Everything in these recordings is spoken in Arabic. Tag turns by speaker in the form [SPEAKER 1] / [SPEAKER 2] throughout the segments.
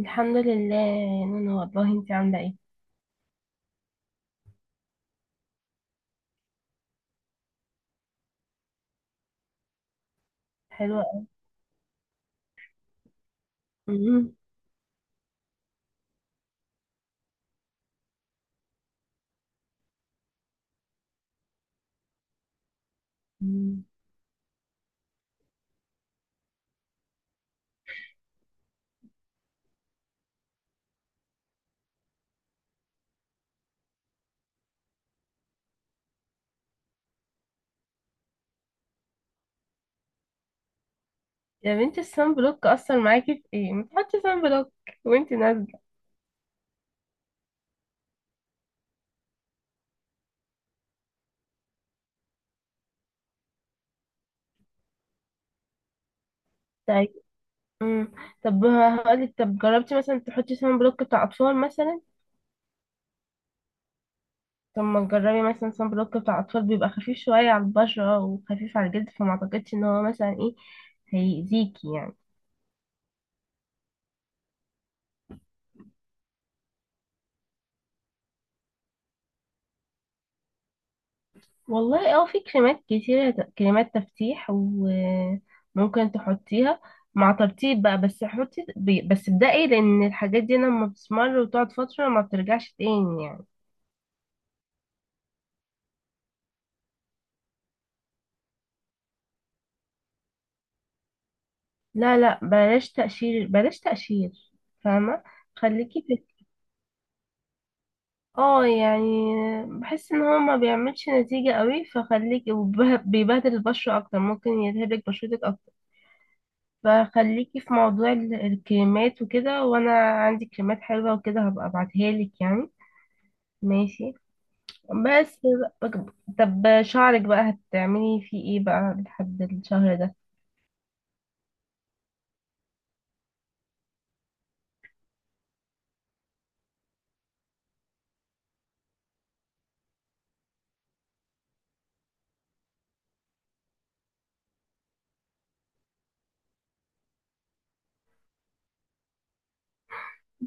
[SPEAKER 1] الحمد لله يا نونو، والله انت عامله ايه؟ حلوه قوي. مم. مم. يا بنتي الصن بلوك اثر معاكي في ايه؟ ما تحطي صن بلوك وانت نازله. طيب. مم. طب هقولك، طب جربتي مثلا تحطي صن بلوك بتاع اطفال مثلا؟ طب ما تجربي مثلا صن بلوك بتاع اطفال، بيبقى خفيف شويه على البشره وخفيف على الجلد، فما اعتقدش ان هو مثلا ايه هيأذيكي يعني. والله اه، في كريمات كتيرة، كريمات تفتيح وممكن تحطيها مع ترطيب بقى، بس حطي بس ابدأي، لأن الحاجات دي لما بتسمر وتقعد فترة ما بترجعش تاني يعني. لا لا، بلاش تقشير بلاش تقشير. فاهمة؟ خليكي في، اه يعني بحس ان هو ما بيعملش نتيجة قوي، فخليكي، وبيبهدل البشرة اكتر ممكن يلهبك بشرتك اكتر. فخليكي في موضوع الكريمات وكده، وانا عندي كريمات حلوة وكده هبقى ابعتها لك يعني. ماشي. بس بقى- طب شعرك بقى هتعملي فيه ايه بقى لحد الشهر ده؟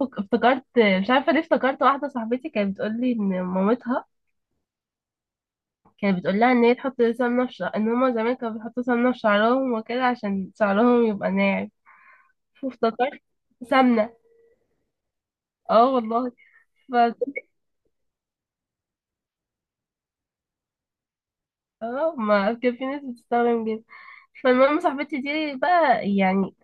[SPEAKER 1] افتكرت، مش عارفه ليه افتكرت، واحده صاحبتي كانت بتقول لي ان مامتها كانت بتقول لها ان هي تحط سمنه في شعر، ان هما زمان كانوا بيحطوا سمنه في شعرهم وكده عشان شعرهم يبقى ناعم. فافتكرت. سمنه. اه والله. ف... اه ما كان في ناس بتستخدم جدا. فالمهم صاحبتي دي بقى يعني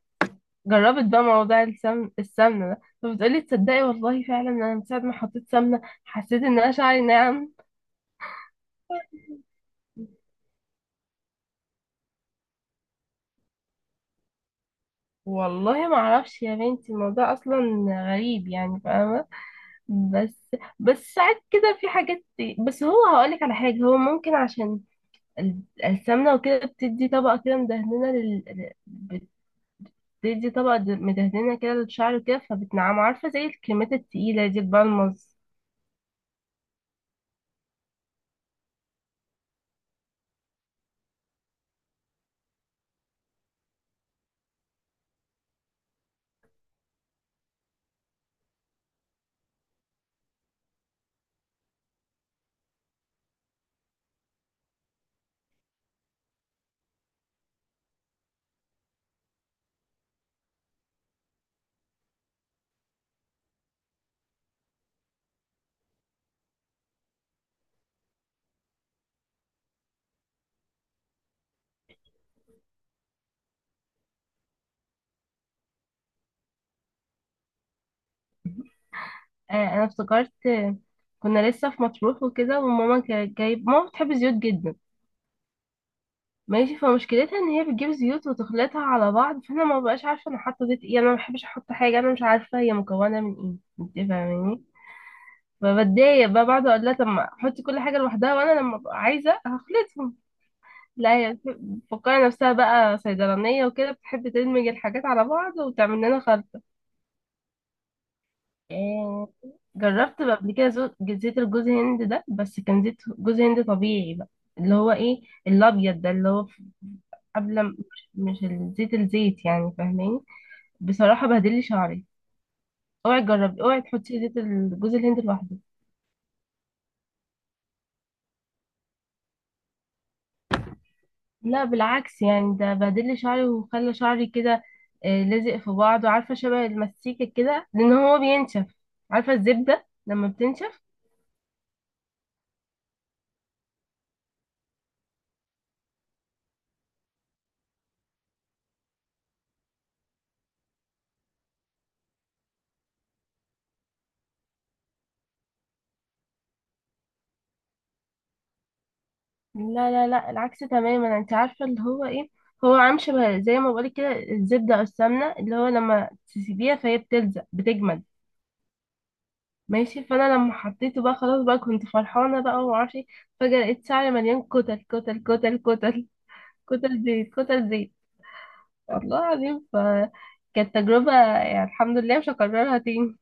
[SPEAKER 1] جربت بقى موضوع السمن السمنة ده، فبتقولي تصدقي والله فعلا انا من ساعة ما حطيت سمنة حسيت ان انا شعري ناعم. والله ما اعرفش يا بنتي، الموضوع اصلا غريب يعني، فاهمة؟ بس بس ساعات كده في حاجات. بس هو هقولك على حاجة، هو ممكن عشان السمنة وكده بتدي طبقة كده مدهنة لل، بتدي طبقة مدهنة كده للشعر وكده، فبتنعم، عارفة زي الكريمات التقيلة دي البالمز. انا افتكرت، كنا لسه في مطروح وكده، وماما كانت جايب، ماما بتحب الزيوت جدا. ماشي، فمشكلتها ان هي بتجيب زيوت وتخلطها على بعض، فانا ما بقاش عارفه انا حاطه زيت ايه، يعني انا ما بحبش احط حاجه انا مش عارفه هي مكونه من ايه، انت فاهماني؟ فبتضايق بقى بعد، اقول لها طب ما حطي كل حاجه لوحدها وانا لما ابقى عايزه هخلطهم. لا هي بتفكر نفسها بقى صيدلانيه وكده، بتحب تدمج الحاجات على بعض وتعمل لنا خلط. آه، جربت بقى قبل كده زيت الجوز هند ده، بس كان زيت جوز هند طبيعي بقى. اللي هو ايه، الابيض ده اللي هو مش الزيت، الزيت يعني، فاهماني؟ بصراحة بهدل لي شعري. اوعي تجربي، اوعي تحطي زيت الجوز الهند لوحده. لا، بالعكس يعني، ده بهدل لي شعري وخلى شعري كده، لازق في بعضه، عارفة شبه المسيكة كده لان هو بينشف، عارفة الزبدة لما بتنشف. لا لا لا، العكس تماما. انت عارفه اللي هو ايه، هو عامل شبه زي ما بقولك كده الزبده او السمنه، اللي هو لما تسيبيها فهي بتلزق، بتجمد. ماشي. فانا لما حطيته بقى خلاص، بقى كنت فرحانه بقى ومعرفش ايه، فجاه لقيت شعري مليان كتل كتل كتل كتل، كتل زيت كتل زيت، والله العظيم. فكانت تجربه يعني، الحمد لله مش هكررها تاني.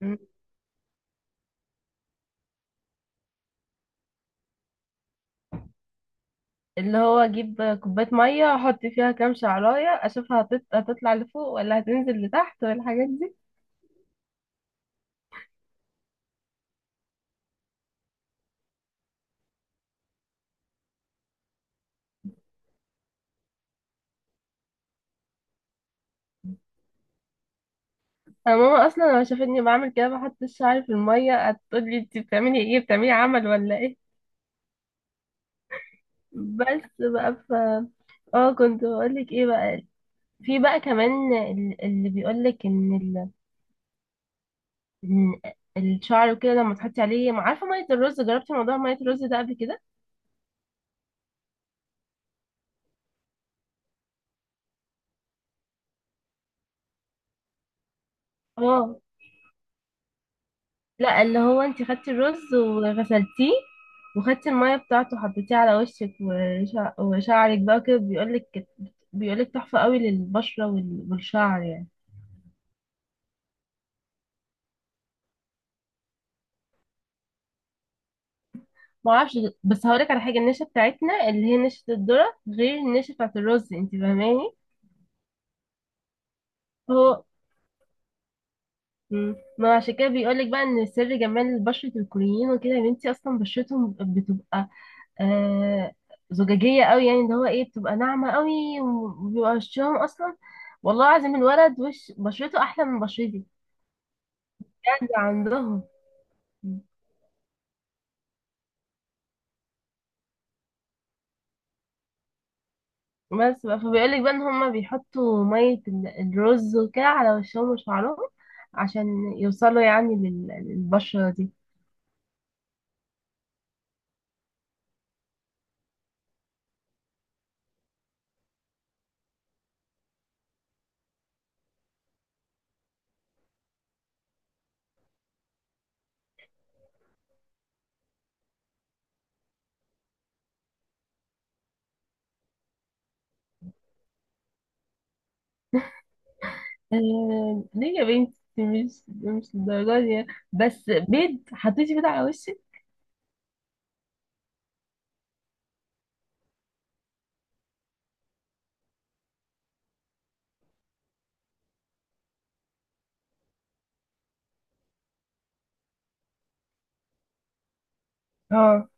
[SPEAKER 1] م. اللي هو اجيب كوبايه ميه احط فيها كام شعرايه اشوفها هتطلع لفوق ولا هتنزل لتحت والحاجات دي. أنا ماما اصلا لما شافتني بعمل كده بحط شعري في الميه هتقولي انت بتعملي ايه، بتعملي عمل ولا ايه. بس بقى، ف اه كنت بقولك ايه بقى. في بقى كمان اللي بيقولك ان ال، إن الشعر وكده لما تحطي عليه ما عارفه ميه الرز، جربتي موضوع ميه الرز ده قبل كده؟ اه. لا، اللي هو انت خدتي الرز وغسلتيه وخدتي الميه بتاعته وحطيتيه على وشك وشعرك بقى كده، بيقولك بيقولك تحفه قوي للبشره والشعر يعني. ما اعرفش، بس هقولك على حاجه، النشا بتاعتنا اللي هي نشا الذره غير النشا بتاعت الرز، انت فاهماني؟ هو مم. ما عشان كده بيقولك بقى ان سر جمال بشره الكوريين وكده، يا بنتي اصلا بشرتهم بتبقى آه زجاجيه قوي يعني، اللي هو ايه، بتبقى ناعمه قوي، وبيبقى وشهم اصلا، والله العظيم الولد وش بشرته احلى من بشرتي، بجد عندهم. بس بقى، فبيقولك بقى ان هما بيحطوا مية الرز وكده على وشهم وشعرهم عشان يوصلوا يعني للبشرة دي. ليه يا بنتي؟ مش للدرجة دي يعني. بس، بيض؟ حطيتي بيض على وشك؟ اه.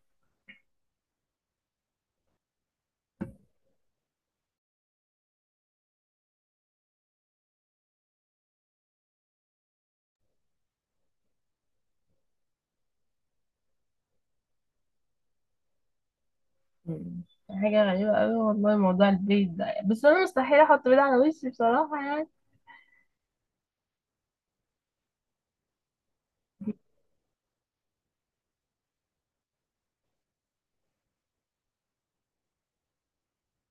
[SPEAKER 1] مم. حاجة غريبة أوي والله موضوع البيض ده، بس أنا مستحيل أحط بيض على وشي بصراحة يعني.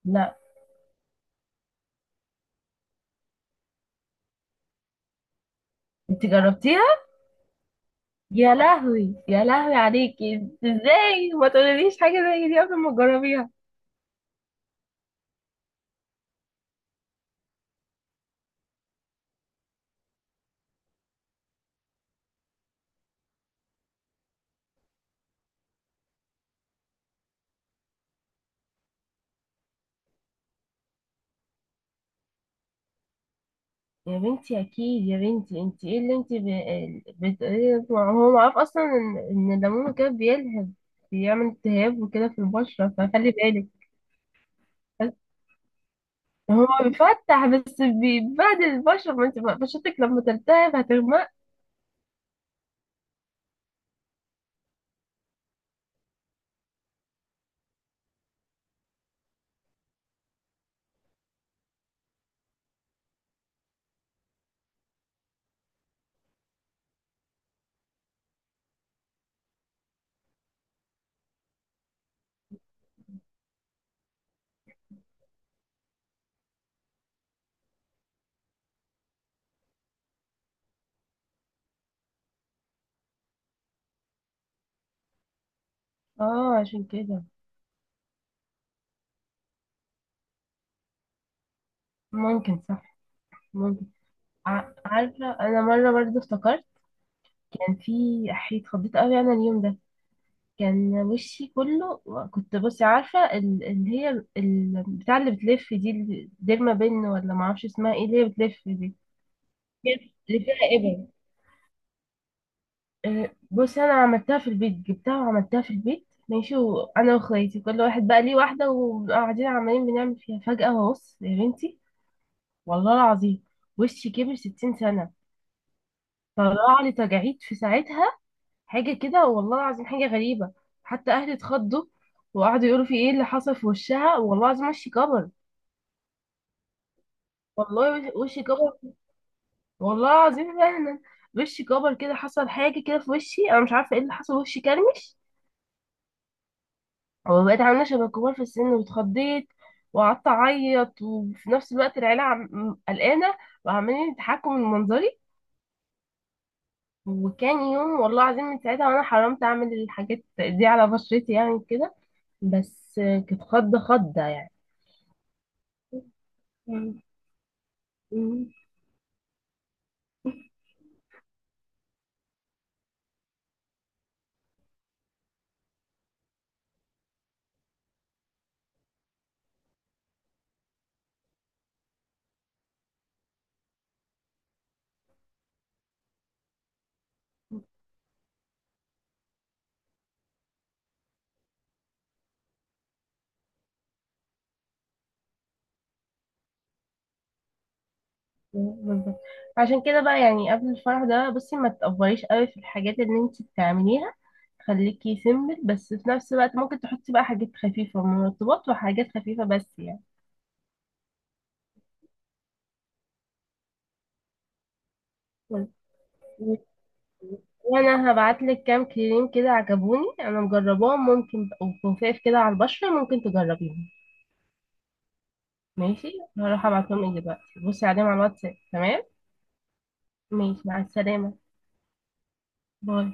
[SPEAKER 1] لا، أنت جربتيها؟ يا لهوي يا لهوي عليكي، انت إزاي ما تقوليليش حاجة زي دي قبل ما تجربيها؟ يا بنتي اكيد يا بنتي، انت ايه اللي انت بتقولي ده؟ هو معروف اصلا ان إن الليمون كده بيلهب، بيعمل التهاب وكده في البشرة، فخلي بالك. بس هو بيفتح، بس بيبهدل البشرة، ما انت بقى، بشرتك لما تلتهب هتغمق. اه عشان كده. ممكن، صح. ممكن. عارفة انا مرة برضه افتكرت، كان في حيط خضيت قوي انا اليوم ده، كان وشي كله، كنت بصي عارفة اللي هي بتاع اللي بتلف دي، اللي ديرما بن ولا معرفش اسمها ايه، اللي هي بتلف دي، اللي فيها ابر. بصي، انا عملتها في البيت، جبتها وعملتها في البيت ماشي، وانا واخواتي كل واحد بقى ليه واحدة وقاعدين عمالين بنعمل فيها، فجأة بص يا بنتي، والله العظيم وشي كبر 60 سنة. طلع لي تجاعيد في ساعتها. حاجة كده، والله العظيم حاجة غريبة. حتى أهلي اتخضوا وقعدوا يقولوا في ايه اللي حصل في وشها، والله العظيم وشي كبر. والله وشي كبر، والله العظيم فعلا وشي كبر كده، حصل حاجة كده في وشي أنا مش عارفة ايه اللي حصل، وشي كرمش، وبقيت عاملة شبه الكبار في السن، واتخضيت وقعدت أعيط، وفي نفس الوقت العيلة قلقانة وعمالين يضحكوا من منظري. وكان يوم والله العظيم من ساعتها، وأنا حرمت أعمل الحاجات دي على بشرتي يعني كده. بس، كانت خضة خضة يعني. مم. مم. بالظبط، عشان كده بقى يعني قبل الفرح ده، بصي ما تأفوريش قوي في الحاجات اللي انت بتعمليها، خليكي سيمبل، بس في نفس الوقت ممكن تحطي بقى حاجات خفيفة، مرطبات وحاجات خفيفة بس يعني. بس. وانا هبعت لك كام كريم كده عجبوني، انا مجرباهم، ممكن، وخفاف كده على البشرة، ممكن تجربيهم. ماشي، هروح ابعتهم لك دلوقتي، بصي عليهم على الواتساب. تمام. ماشي، مع السلامة. باي.